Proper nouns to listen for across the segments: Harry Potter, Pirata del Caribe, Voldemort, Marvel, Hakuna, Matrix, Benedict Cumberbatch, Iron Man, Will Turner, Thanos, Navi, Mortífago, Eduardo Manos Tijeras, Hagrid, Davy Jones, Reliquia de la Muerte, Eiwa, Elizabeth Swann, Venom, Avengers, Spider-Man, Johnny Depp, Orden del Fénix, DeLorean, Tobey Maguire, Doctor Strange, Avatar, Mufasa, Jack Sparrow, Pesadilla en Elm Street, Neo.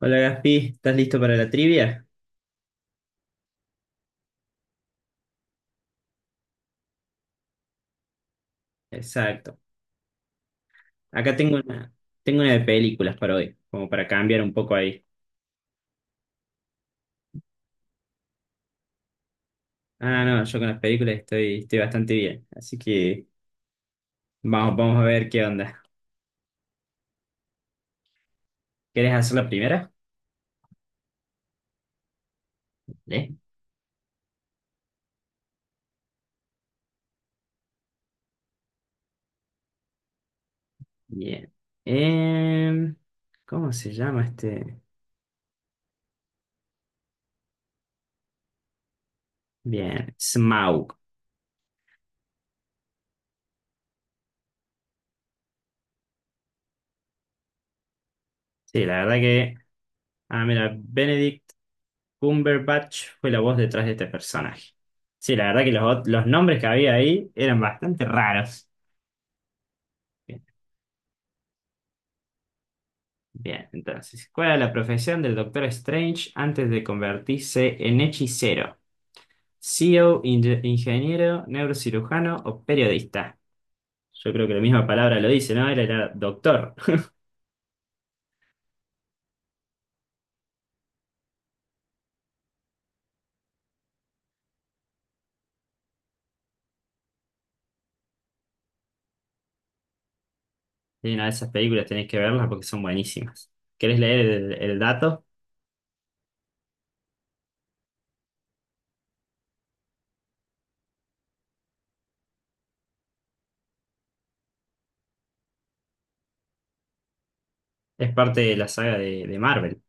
Hola Gaspi, ¿estás listo para la trivia? Exacto. Acá tengo una de películas para hoy, como para cambiar un poco ahí. Ah, no, yo con las películas estoy bastante bien, así que vamos a ver qué onda. ¿Quieres hacer la primera? ¿Eh? Bien. Em, ¿Cómo se llama este? Bien, Smaug. Sí, la verdad que... Ah, mira, Benedict Cumberbatch fue la voz detrás de este personaje. Sí, la verdad que los nombres que había ahí eran bastante raros. Bien, bien, entonces, ¿cuál era la profesión del Doctor Strange antes de convertirse en hechicero? CEO, ingeniero, neurocirujano o periodista. Yo creo que la misma palabra lo dice, ¿no? Era doctor. Y una de esas películas tenés que verlas porque son buenísimas. ¿Querés leer el dato? Es parte de la saga de Marvel.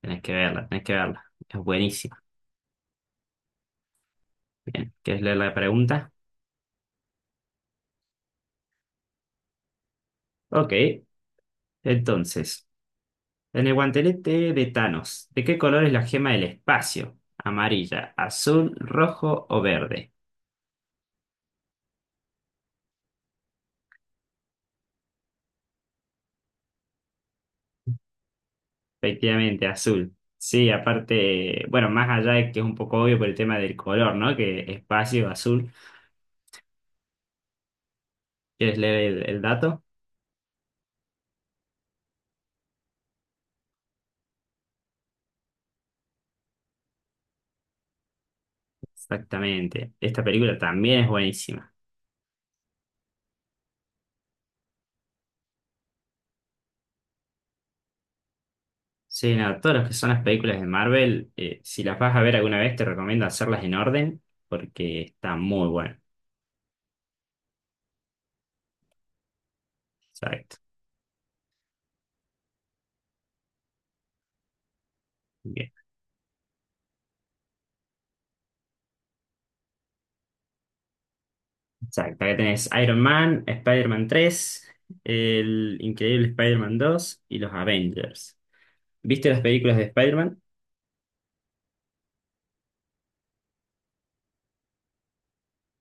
Tenés que verla, tenés que verla. Es buenísima. Bien, ¿querés leer la pregunta? Ok, entonces. En el guantelete de Thanos, ¿de qué color es la gema del espacio? ¿Amarilla, azul, rojo o verde? Efectivamente, azul. Sí, aparte, bueno, más allá de que es un poco obvio por el tema del color, ¿no? Que espacio, azul. ¿Quieres leer el dato? Exactamente. Esta película también es buenísima. Sí, no, todas las que son las películas de Marvel, si las vas a ver alguna vez, te recomiendo hacerlas en orden porque está muy bueno. Exacto. Exacto, acá tenés Iron Man, Spider-Man 3, el increíble Spider-Man 2 y los Avengers. ¿Viste las películas de Spider-Man?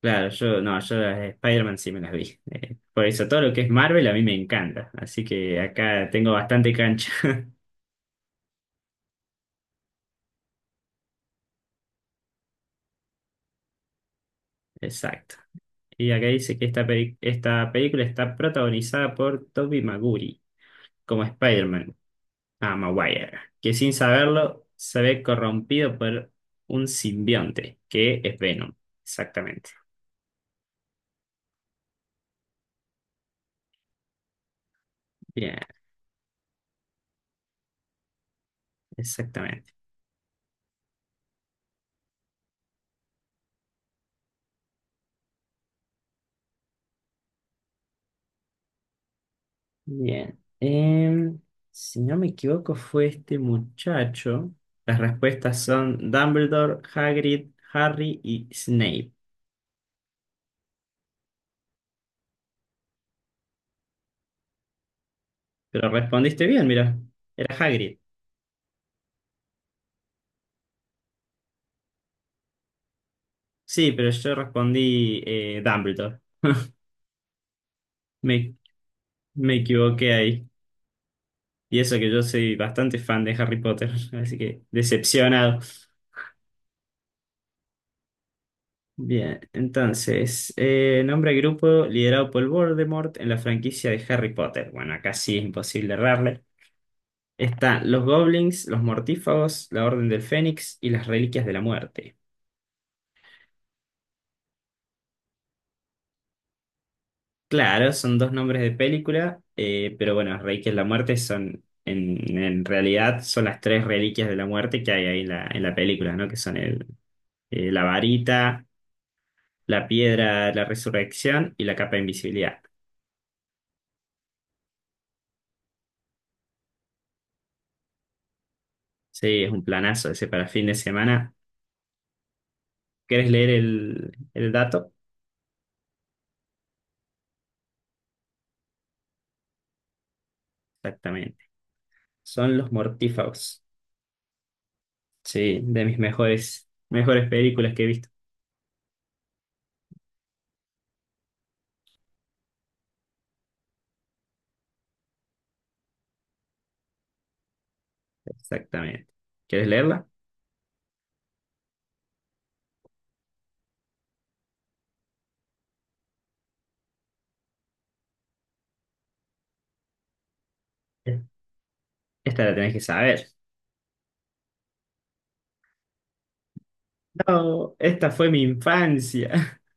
Claro, yo no, yo las de Spider-Man sí me las vi. Por eso todo lo que es Marvel a mí me encanta. Así que acá tengo bastante cancha. Exacto. Y acá dice que esta película está protagonizada por Tobey Maguire como Spider-Man, ah, Maguire, que sin saberlo se ve corrompido por un simbionte, que es Venom. Exactamente. Bien. Exactamente. Bien. Si no me equivoco, fue este muchacho. Las respuestas son Dumbledore, Hagrid, Harry y Snape. Pero respondiste bien, mira. Era Hagrid. Sí, pero yo respondí Dumbledore. Me, me equivoqué ahí. Y eso que yo soy bastante fan de Harry Potter, así que decepcionado. Bien, entonces, nombre al grupo liderado por Voldemort en la franquicia de Harry Potter. Bueno, acá sí es imposible errarle. Están los goblins, los mortífagos, la Orden del Fénix y las Reliquias de la Muerte. Claro, son dos nombres de película, pero bueno, las Reliquias de la Muerte son, en realidad, son las tres Reliquias de la Muerte que hay ahí en la película, ¿no? Que son la varita, la piedra de la resurrección y la capa de invisibilidad. Sí, es un planazo ese para fin de semana. ¿Querés leer el dato? Exactamente. Son los mortífagos. Sí, de mis mejores, mejores películas que he visto. Exactamente. ¿Quieres leerla? Eh, Esta la tenés que saber. No, esta fue mi infancia.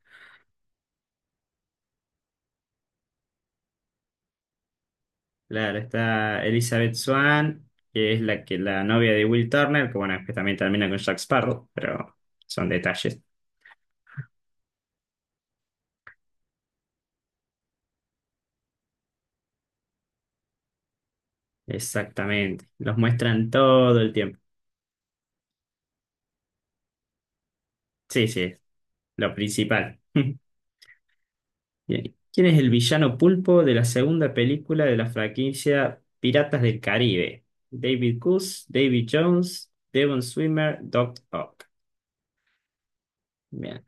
Claro, está Elizabeth Swann, que es la que la novia de Will Turner, que bueno, que también termina con Jack Sparrow, pero son detalles. Exactamente. Los muestran todo el tiempo. Sí, sí, es lo principal. Bien. ¿Quién es el villano pulpo de la segunda película de la franquicia Piratas del Caribe? David Coase, David Jones, Devon Swimmer, Doc Ock. Bien.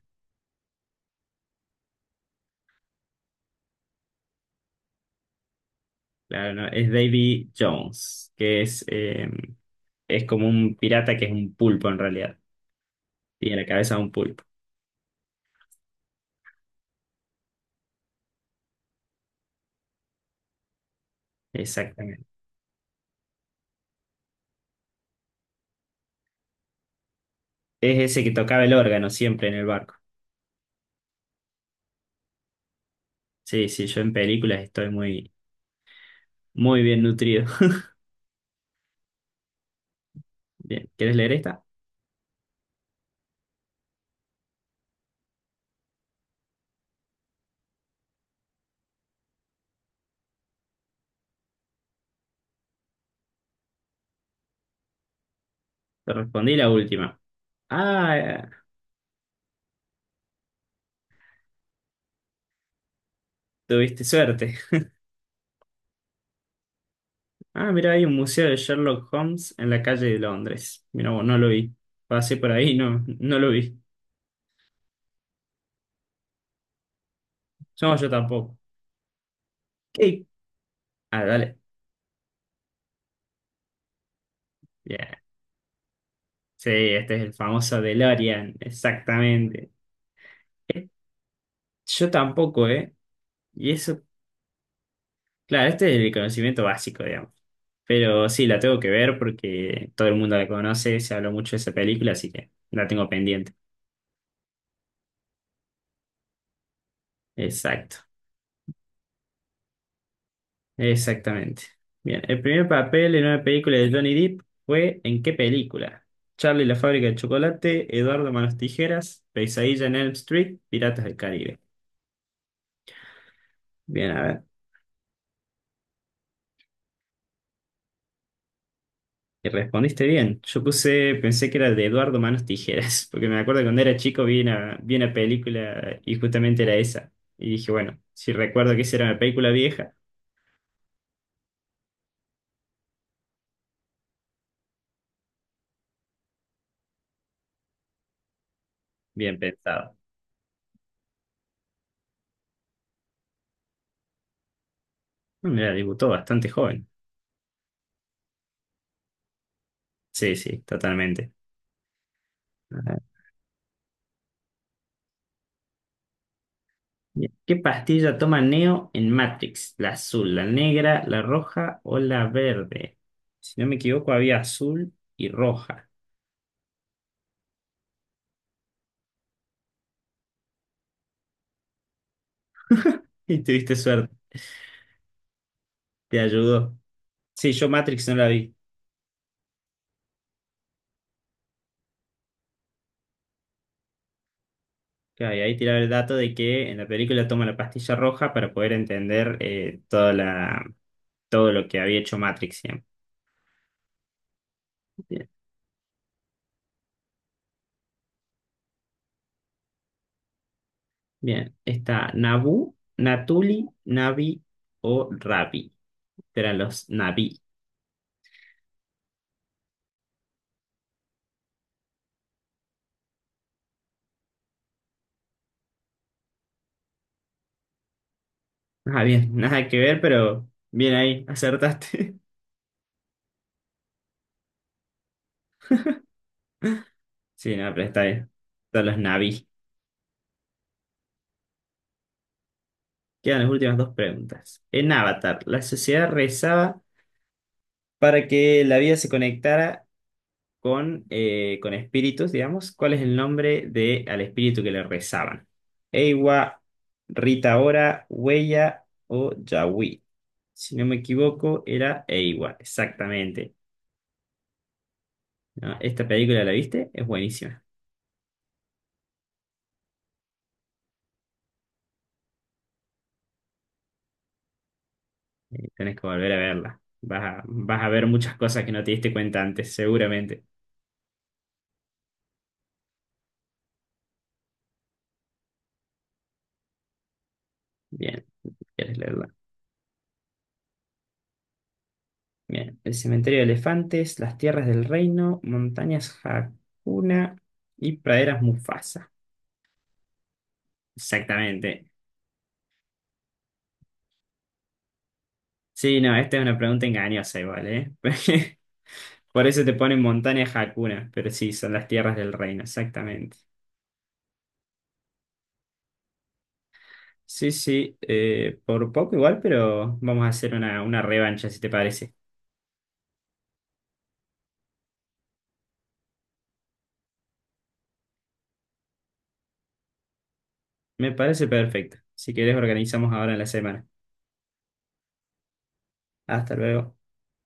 Claro, no, es Davy Jones, que es como un pirata que es un pulpo en realidad. Tiene la cabeza de un pulpo. Exactamente. Es ese que tocaba el órgano siempre en el barco. Sí, sí, yo en películas estoy muy, muy bien nutrido. Bien, ¿quieres leer esta? Te respondí la última. Ah, tuviste suerte. Ah, mira, hay un museo de Sherlock Holmes en la calle de Londres. Mira, vos, no lo vi. Pasé por ahí, no, no lo vi. No, yo tampoco. ¿Qué? Ah, dale. Bien. Sí, este es el famoso DeLorean, exactamente. Eh, Yo tampoco, ¿eh? Y eso, claro, este es el conocimiento básico, digamos. Pero sí, la tengo que ver porque todo el mundo la conoce, se habló mucho de esa película, así que la tengo pendiente. Exacto, exactamente. Bien, el primer papel en una película de Johnny Depp fue ¿en qué película? Charlie y la fábrica de chocolate, Eduardo Manos Tijeras, Pesadilla en Elm Street, Piratas del Caribe. Bien, a y respondiste bien. Yo puse, pensé que era de Eduardo Manos Tijeras, porque me acuerdo que cuando era chico vi una película y justamente era esa. Y dije, bueno, si recuerdo que esa era una película vieja, bien pensado. Mira, debutó bastante joven. Sí, sí, totalmente. Ajá. Bien. ¿Qué pastilla toma Neo en Matrix? ¿La azul, la negra, la roja o la verde? Si no me equivoco, había azul y roja. Y tuviste suerte, te ayudó. Sí, yo Matrix no la vi. Claro, y ahí tiraba el dato de que en la película toma la pastilla roja para poder entender toda todo lo que había hecho Matrix siempre. Bien, bien. Está Nabu, Natuli, Navi o Rabi. Eran los Navi. Ah, bien, nada que ver, pero bien ahí, acertaste. Sí, no, pero está bien. Son los Navi. Quedan las últimas dos preguntas. En Avatar, la sociedad rezaba para que la vida se conectara con espíritus, digamos, ¿cuál es el nombre de al espíritu que le rezaban? Eiwa, Rita Ora, Huella o Yahui. Si no me equivoco, era Eiwa, exactamente. ¿No? Esta película, ¿la viste? Es buenísima. Tenés que volver a verla. Vas a, vas a ver muchas cosas que no te diste cuenta antes, seguramente. Bien, quieres leerla. Bien, el cementerio de elefantes, las tierras del reino, montañas Hakuna y praderas Mufasa. Exactamente. Sí, no, esta es una pregunta engañosa igual, ¿eh? Por eso te ponen montañas Hakuna, pero sí, son las tierras del reino, exactamente. Sí, sí, por poco igual, pero vamos a hacer una revancha, si te parece. Me parece perfecto. Si querés, organizamos ahora en la semana. Hasta luego.